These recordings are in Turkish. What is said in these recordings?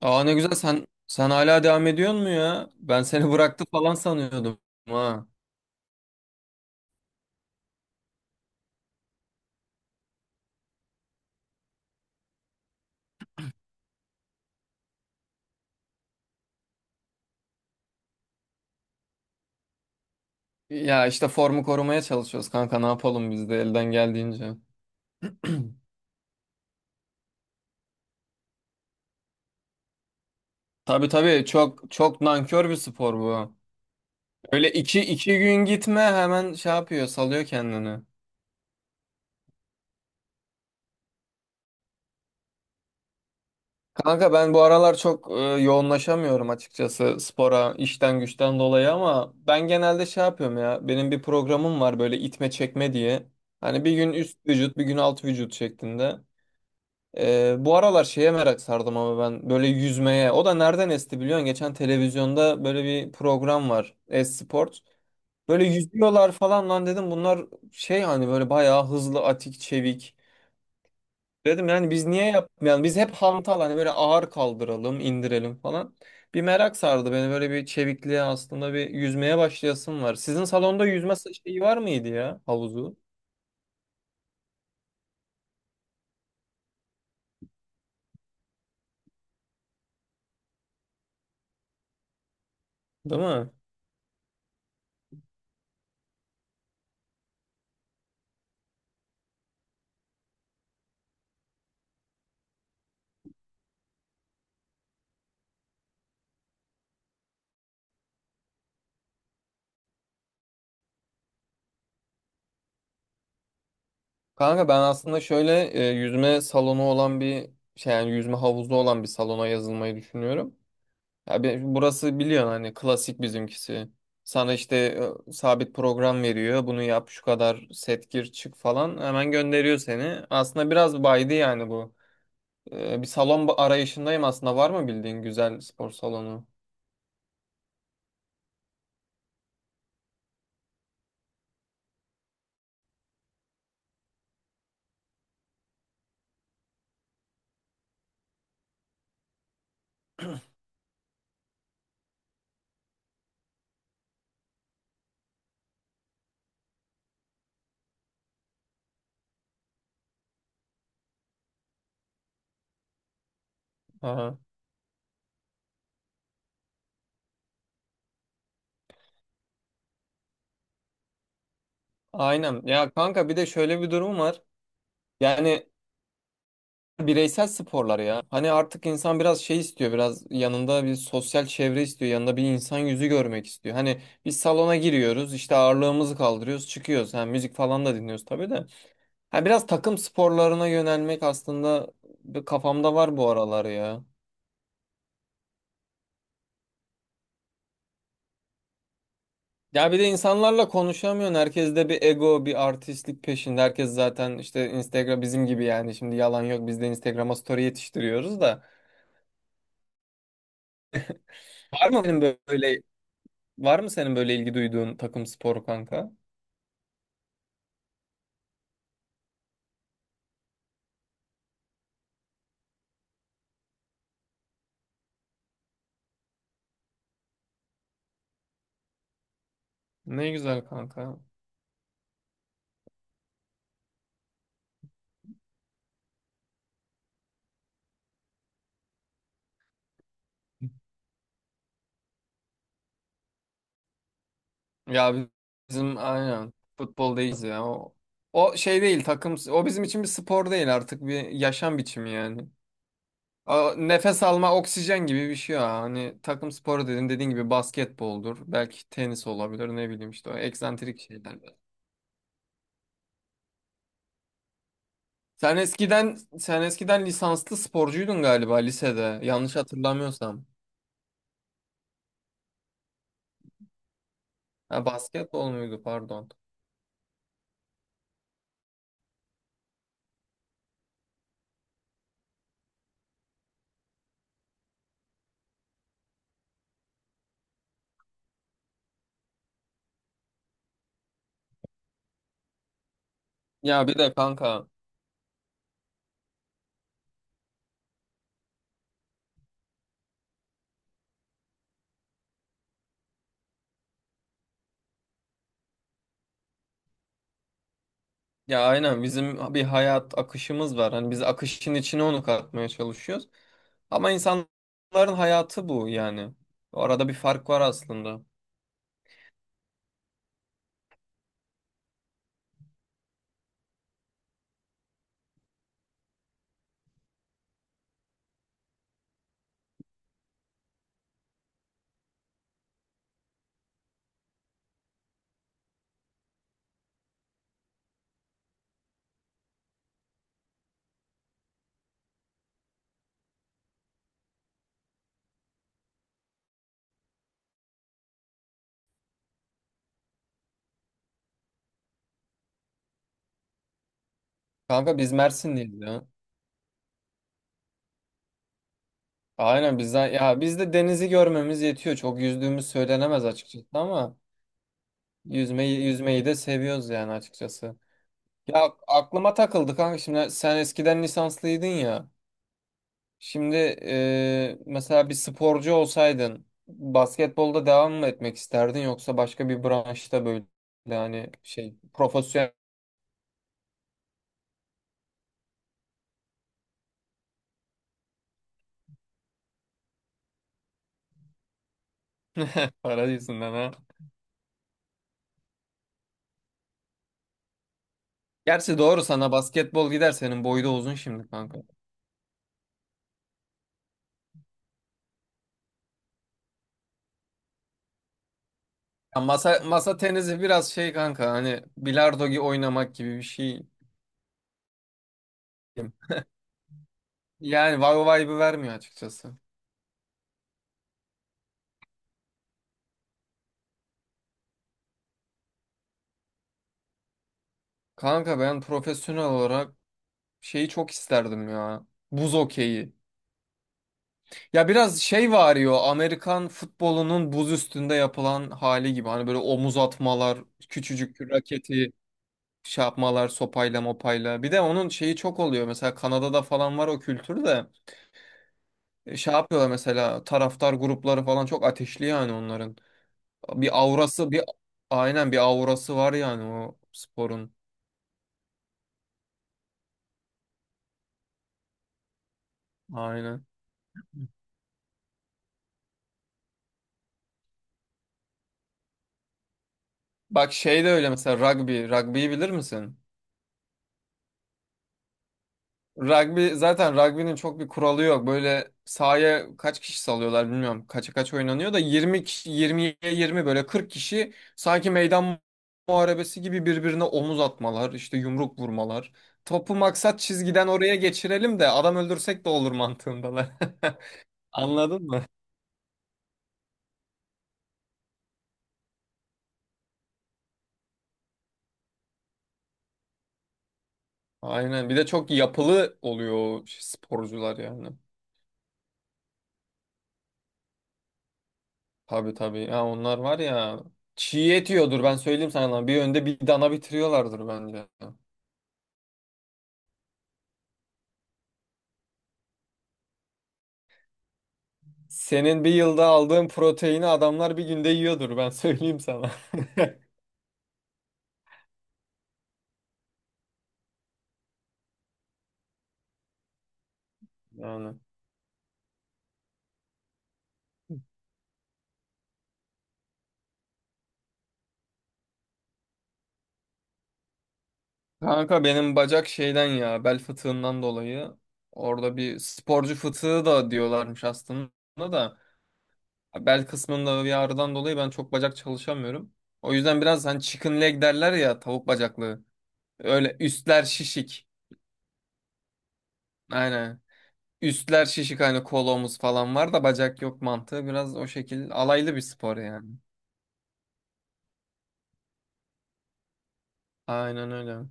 Aa, ne güzel, sen hala devam ediyor mu ya? Ben seni bıraktı falan sanıyordum ha. Ya işte formu korumaya çalışıyoruz kanka, ne yapalım biz de elden geldiğince. Tabii tabii, çok çok nankör bir spor bu. Öyle iki gün gitme, hemen şey yapıyor, salıyor kendini. Kanka ben bu aralar çok yoğunlaşamıyorum açıkçası spora, işten güçten dolayı, ama ben genelde şey yapıyorum ya, benim bir programım var böyle itme çekme diye. Hani bir gün üst vücut, bir gün alt vücut şeklinde. Bu aralar şeye merak sardım ama ben, böyle yüzmeye. O da nereden esti biliyorsun? Geçen televizyonda böyle bir program var, Esport. Böyle yüzüyorlar falan, lan dedim, bunlar şey, hani böyle bayağı hızlı, atik, çevik. Dedim yani biz niye yapmayalım? Biz hep hantal, hani böyle ağır kaldıralım, indirelim falan. Bir merak sardı beni böyle bir çevikliğe, aslında bir yüzmeye başlayasım var. Sizin salonda yüzme şeyi var mıydı ya, havuzu? Değil mi? Kanka ben aslında şöyle yüzme salonu olan bir şey, yani yüzme havuzu olan bir salona yazılmayı düşünüyorum. Ya burası biliyorsun hani, klasik bizimkisi. Sana işte sabit program veriyor. Bunu yap, şu kadar set, gir çık falan, hemen gönderiyor seni. Aslında biraz baydı yani bu. Bir salon arayışındayım aslında, var mı bildiğin güzel spor salonu? Aha. Aynen. Ya kanka bir de şöyle bir durum var. Yani bireysel sporlar ya. Hani artık insan biraz şey istiyor, biraz yanında bir sosyal çevre istiyor, yanında bir insan yüzü görmek istiyor. Hani biz salona giriyoruz, işte ağırlığımızı kaldırıyoruz, çıkıyoruz. Ha, müzik falan da dinliyoruz tabii de. Ha, biraz takım sporlarına yönelmek aslında bir, kafamda var bu aralar ya. Ya bir de insanlarla konuşamıyorsun. Herkes de bir ego, bir artistlik peşinde. Herkes zaten işte Instagram bizim gibi yani. Şimdi yalan yok, biz de Instagram'a story yetiştiriyoruz da. Var mı benim böyle Var mı senin böyle ilgi duyduğun takım sporu kanka? Ne güzel kanka. Ya bizim aynen futbol değiliz ya. O şey değil, takım o bizim için bir spor değil artık, bir yaşam biçimi yani. Nefes alma, oksijen gibi bir şey ya. Hani takım sporu dedin, dediğin gibi basketboldur, belki tenis olabilir, ne bileyim işte o eksantrik şeyler. Sen eskiden lisanslı sporcuydun galiba lisede, yanlış hatırlamıyorsam. Ha, basketbol muydu pardon. Ya bir de kanka, ya aynen, bizim bir hayat akışımız var. Hani biz akışın içine onu katmaya çalışıyoruz. Ama insanların hayatı bu yani. Arada bir fark var aslında. Kanka biz Mersinliyiz ya. Aynen bizden ya, bizde denizi görmemiz yetiyor. Çok yüzdüğümüz söylenemez açıkçası ama yüzmeyi de seviyoruz yani açıkçası. Ya aklıma takıldı kanka, şimdi sen eskiden lisanslıydın ya. Şimdi mesela bir sporcu olsaydın, basketbolda devam mı etmek isterdin, yoksa başka bir branşta böyle, yani şey, profesyonel. Para yüzünden ha. Gerçi doğru, sana basketbol gider, senin boyu da uzun şimdi kanka. Ya masa tenisi biraz şey kanka, hani bilardo gibi, oynamak gibi bir şey. Yani vay vay vibe'ı vermiyor açıkçası. Kanka ben profesyonel olarak şeyi çok isterdim ya, buz okeyi. Ya biraz şey var ya, Amerikan futbolunun buz üstünde yapılan hali gibi. Hani böyle omuz atmalar, küçücük raketi şey yapmalar, sopayla mopayla. Bir de onun şeyi çok oluyor, mesela Kanada'da falan var o kültür de. Şey yapıyorlar mesela, taraftar grupları falan çok ateşli yani onların. Bir aurası bir Aynen, bir aurası var yani o sporun. Aynen. Bak şey de öyle, mesela rugby. Rugby'yi bilir misin? Rugby zaten, rugby'nin çok bir kuralı yok. Böyle sahaya kaç kişi salıyorlar bilmiyorum. Kaça kaç oynanıyor da, 20 kişi, 20'ye 20, böyle 40 kişi sanki meydan muharebesi gibi birbirine omuz atmalar, işte yumruk vurmalar. Topu maksat çizgiden oraya geçirelim de, adam öldürsek de olur mantığındalar. Anladın mı? Aynen. Bir de çok yapılı oluyor o sporcular yani. Tabii tabii. Ya onlar var ya, çiğ et yiyordur ben söyleyeyim sana, lan. Bir önde bir dana bitiriyorlardır bence. Senin bir yılda aldığın proteini, adamlar bir günde yiyordur ben söyleyeyim sana. Yani. Kanka benim bacak şeyden ya, bel fıtığından dolayı, orada bir sporcu fıtığı da diyorlarmış aslında, da bel kısmında bir ağrıdan dolayı ben çok bacak çalışamıyorum. O yüzden biraz, hani chicken leg derler ya, tavuk bacaklı. Öyle üstler şişik. Aynen. Üstler şişik, hani kolomuz falan var da bacak yok mantığı, biraz o şekil alaylı bir spor yani. Aynen öyle.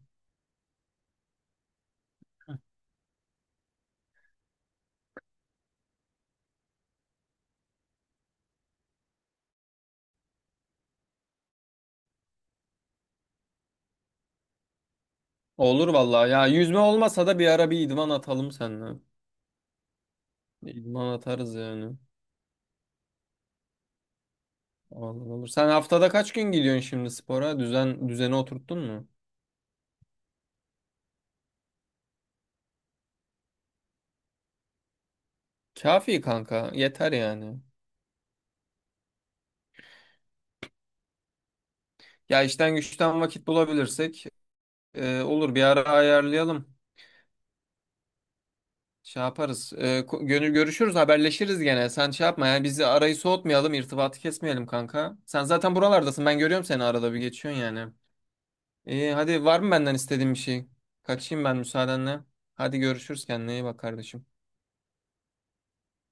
Olur vallahi ya, yüzme olmasa da bir ara bir idman atalım seninle. İdman atarız yani. Olur olur. Sen haftada kaç gün gidiyorsun şimdi spora? Düzeni oturttun mu? Kafi kanka, yeter yani. Ya işten güçten vakit bulabilirsek olur, bir ara ayarlayalım. Şey yaparız. Gönül görüşürüz, haberleşiriz gene. Sen şey yapma ya, bizi, arayı soğutmayalım, irtibatı kesmeyelim kanka. Sen zaten buralardasın, ben görüyorum seni, arada bir geçiyorsun yani. İyi, hadi var mı benden istediğin bir şey? Kaçayım ben müsaadenle. Hadi görüşürüz, kendine iyi bak kardeşim.